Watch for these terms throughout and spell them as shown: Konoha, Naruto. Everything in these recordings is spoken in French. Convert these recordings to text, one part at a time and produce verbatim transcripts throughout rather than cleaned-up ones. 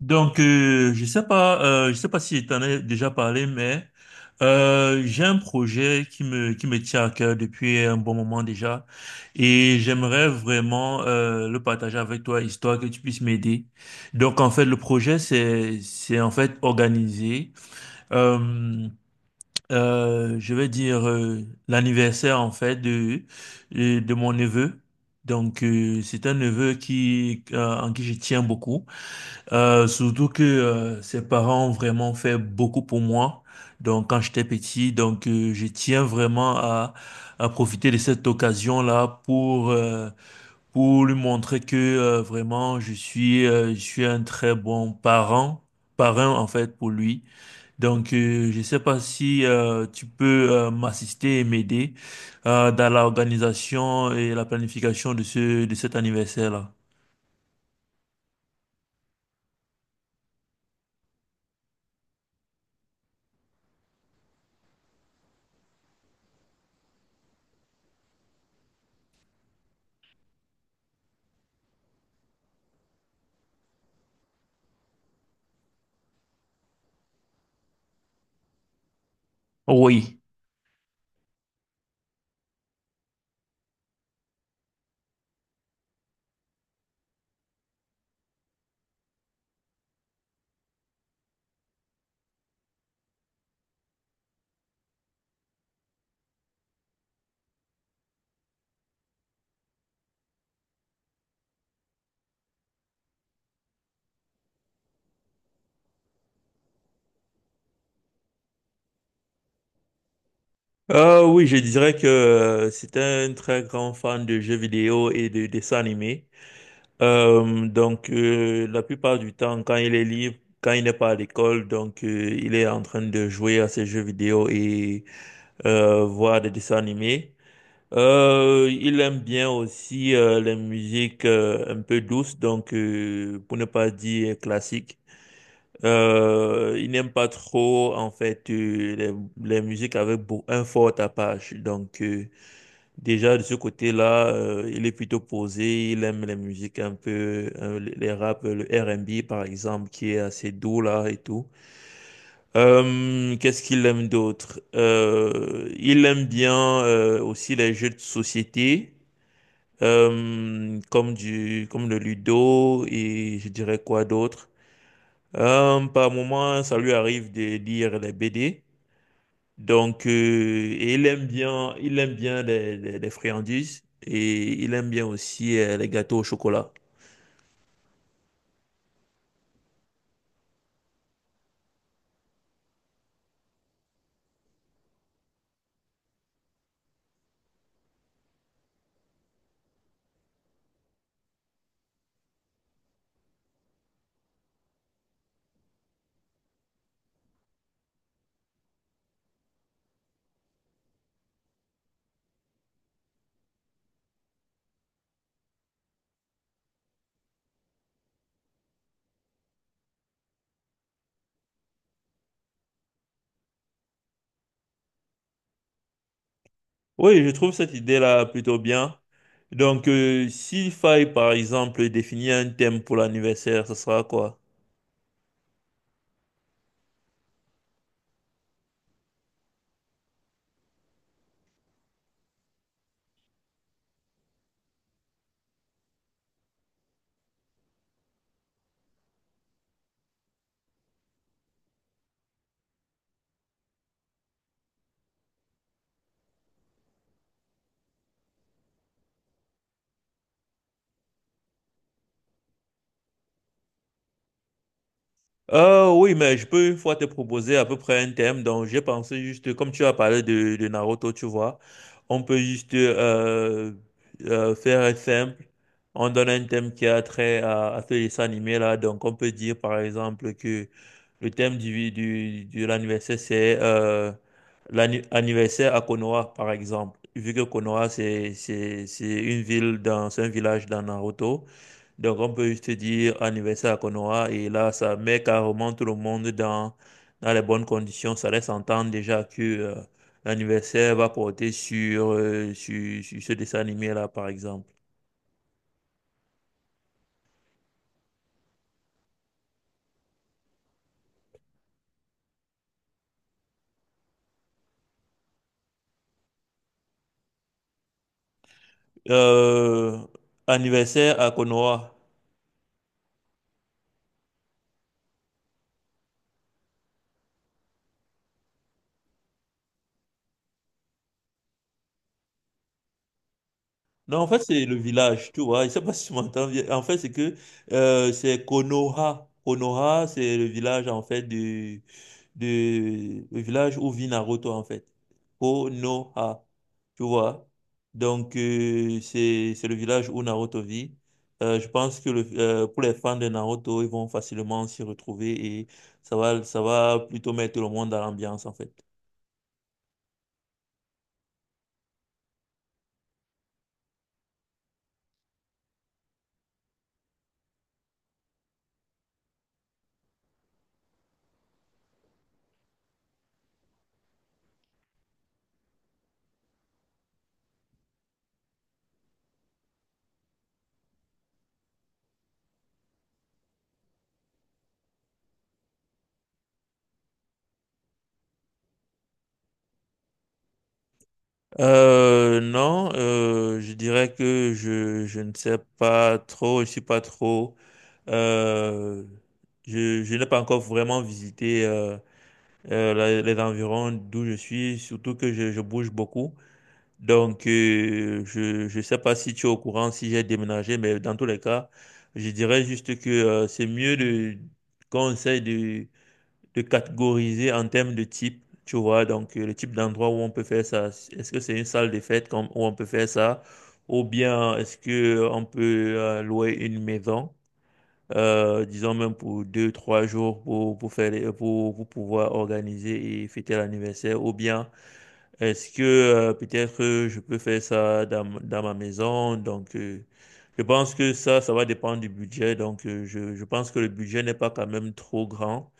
Donc, euh, je sais pas, euh, je sais pas si je t'en ai déjà parlé, mais euh, j'ai un projet qui me qui me tient à cœur depuis un bon moment déjà, et j'aimerais vraiment euh, le partager avec toi, histoire que tu puisses m'aider. Donc, en fait, le projet c'est c'est en fait organiser, euh, euh, je vais dire euh, l'anniversaire en fait de de de mon neveu. Donc, euh, c'est un neveu qui euh, en qui je tiens beaucoup. Euh, surtout que euh, ses parents ont vraiment fait beaucoup pour moi. Donc quand j'étais petit, donc euh, je tiens vraiment à, à profiter de cette occasion-là pour euh, pour lui montrer que euh, vraiment je suis euh, je suis un très bon parent, parrain en fait pour lui. Donc euh, je sais pas si euh, tu peux euh, m'assister et m'aider euh, dans l'organisation et la planification de ce de cet anniversaire-là. Oui. Euh, oui, je dirais que euh, c'est un très grand fan de jeux vidéo et de dessins animés. Euh, donc, euh, la plupart du temps, quand il est libre, quand il n'est pas à l'école, donc euh, il est en train de jouer à ses jeux vidéo et euh, voir des dessins animés. Euh, il aime bien aussi euh, les musiques euh, un peu douces, donc euh, pour ne pas dire classiques. Euh, il n'aime pas trop en fait euh, les, les musiques avec beau- un fort tapage. Donc euh, Déjà, de ce côté-là, euh, il est plutôt posé, il aime les musiques un peu, euh, les rap, le R and B par exemple, qui est assez doux là et tout. Euh, qu'est-ce qu'il aime d'autre? Euh, il aime bien euh, aussi les jeux de société, euh, comme du, comme le Ludo et je dirais quoi d'autre. Euh, par moment, ça lui arrive de lire les B D. Donc, euh, et il aime bien, il aime bien les, les- les friandises et il aime bien aussi euh, les gâteaux au chocolat. Oui, je trouve cette idée-là plutôt bien. Donc, euh, s'il faille, par exemple, définir un thème pour l'anniversaire, ce sera quoi? Euh, oui, mais je peux une fois te proposer à peu près un thème. Donc, j'ai pensé juste, comme tu as parlé de, de Naruto, tu vois, on peut juste euh, euh, faire simple. On donne un thème qui a trait à, à ce dessin animé là. Donc, on peut dire par exemple que le thème du, du, de l'anniversaire, c'est euh, l'anniversaire à Konoha, par exemple. Vu que Konoha, c'est, c'est, c'est une ville dans, c'est un village dans Naruto. Donc, on peut juste dire anniversaire à Konoha et là, ça met carrément tout le monde dans, dans les bonnes conditions. Ça laisse entendre déjà que euh, l'anniversaire va porter sur, euh, sur, sur ce dessin animé-là, par exemple. Euh, Anniversaire à Konoha. Non, en fait, c'est le village, tu vois. Je sais pas si tu m'entends bien. En fait, c'est que euh, c'est Konoha. Konoha, c'est le village, en fait, du, du le village où vit Naruto, en fait. Konoha, tu vois. Donc, euh, c'est c'est le village où Naruto vit. Euh, je pense que le, euh, pour les fans de Naruto, ils vont facilement s'y retrouver et ça va, ça va plutôt mettre le monde dans l'ambiance, en fait. Euh, non, euh, je dirais que je, je ne sais pas trop, je suis pas trop, euh, je, je n'ai pas encore vraiment visité euh, euh, la- les environs d'où je suis, surtout que je, je bouge beaucoup. Donc, euh, je je sais pas si tu es au courant, si j'ai déménagé, mais dans tous les cas, je dirais juste que euh, c'est mieux de conseil de catégoriser en termes de type, tu vois, donc euh, le type d'endroit où on peut faire ça. Est-ce que c'est une salle des fêtes comme- où on peut faire ça? Ou bien est-ce que euh, on peut euh, louer une maison, euh, disons même pour deux, trois jours pour, pour faire, les- pour, pour pouvoir organiser et fêter l'anniversaire? Ou bien est-ce que euh, peut-être euh, je peux faire ça dans, m- dans ma maison? Donc, euh, je pense que ça, ça va dépendre du budget. Donc, euh, je, je pense que le budget n'est pas quand même trop grand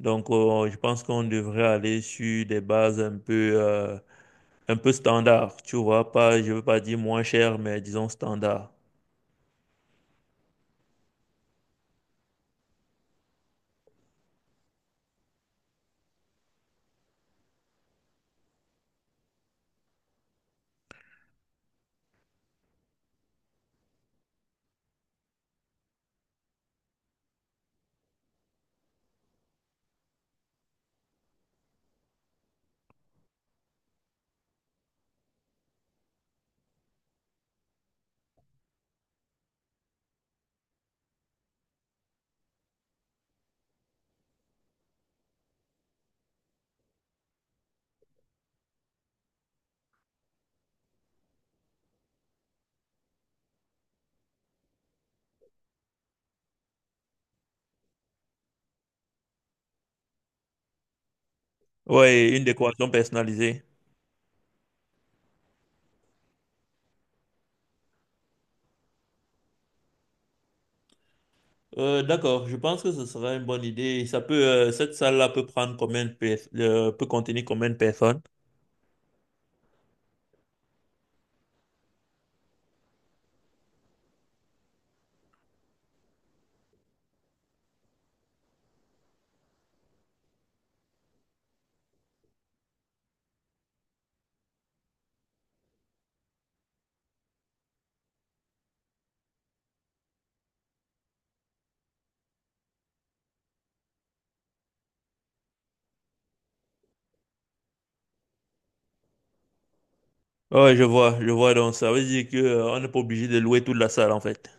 donc, euh, je pense qu'on devrait aller sur des bases un peu, euh, un peu standard, tu vois, pas, je veux pas dire moins cher, mais disons standard. Ouais, une décoration personnalisée. Euh, d'accord, je pense que ce sera une bonne idée. Ça peut, euh, cette salle-là peut prendre combien de pers- euh, peut contenir combien de personnes? Ouais, je vois, je vois. Donc, ça veut dire que, euh, on n'est pas obligé de louer toute la salle, en fait.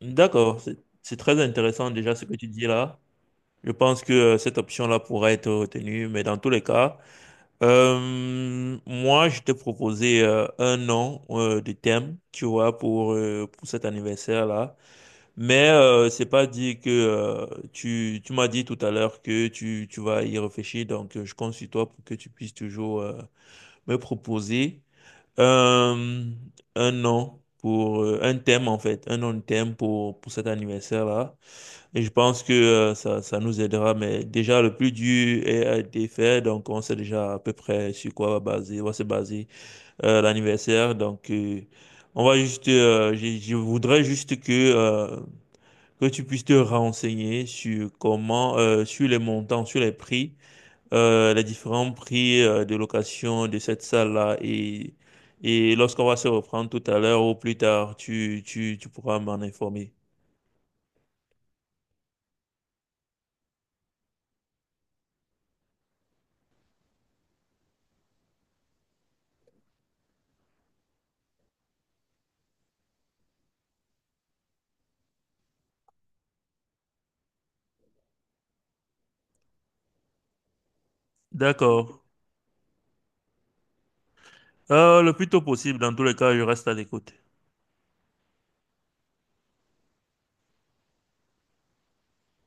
D'accord, c'est, c'est très intéressant déjà ce que tu dis là. Je pense que euh, cette option-là pourra être retenue, mais dans tous les cas. Euh, moi, je t'ai proposé euh, un nom euh, de thème, tu vois, pour euh, pour cet anniversaire-là. Mais euh, c'est pas dit que euh, tu tu m'as dit tout à l'heure que tu tu vas y réfléchir. Donc, euh, je compte sur toi pour que tu puisses toujours euh, me proposer euh, un nom pour euh, un thème en fait, un nom de thème pour pour cet anniversaire-là. Et je pense que euh, ça, ça nous aidera, mais déjà le plus dur est- a été fait, donc on sait déjà à peu près sur quoi va baser, va se baser euh, l'anniversaire. Donc euh, on va juste, euh, je, je voudrais juste que euh, que tu puisses te renseigner sur comment, euh, sur les montants, sur les prix, euh, les différents prix euh, de location de cette salle-là et et lorsqu'on va se reprendre tout à l'heure ou plus tard, tu tu tu pourras m'en informer. D'accord. Euh, le plus tôt possible, dans tous les cas, je reste à l'écoute.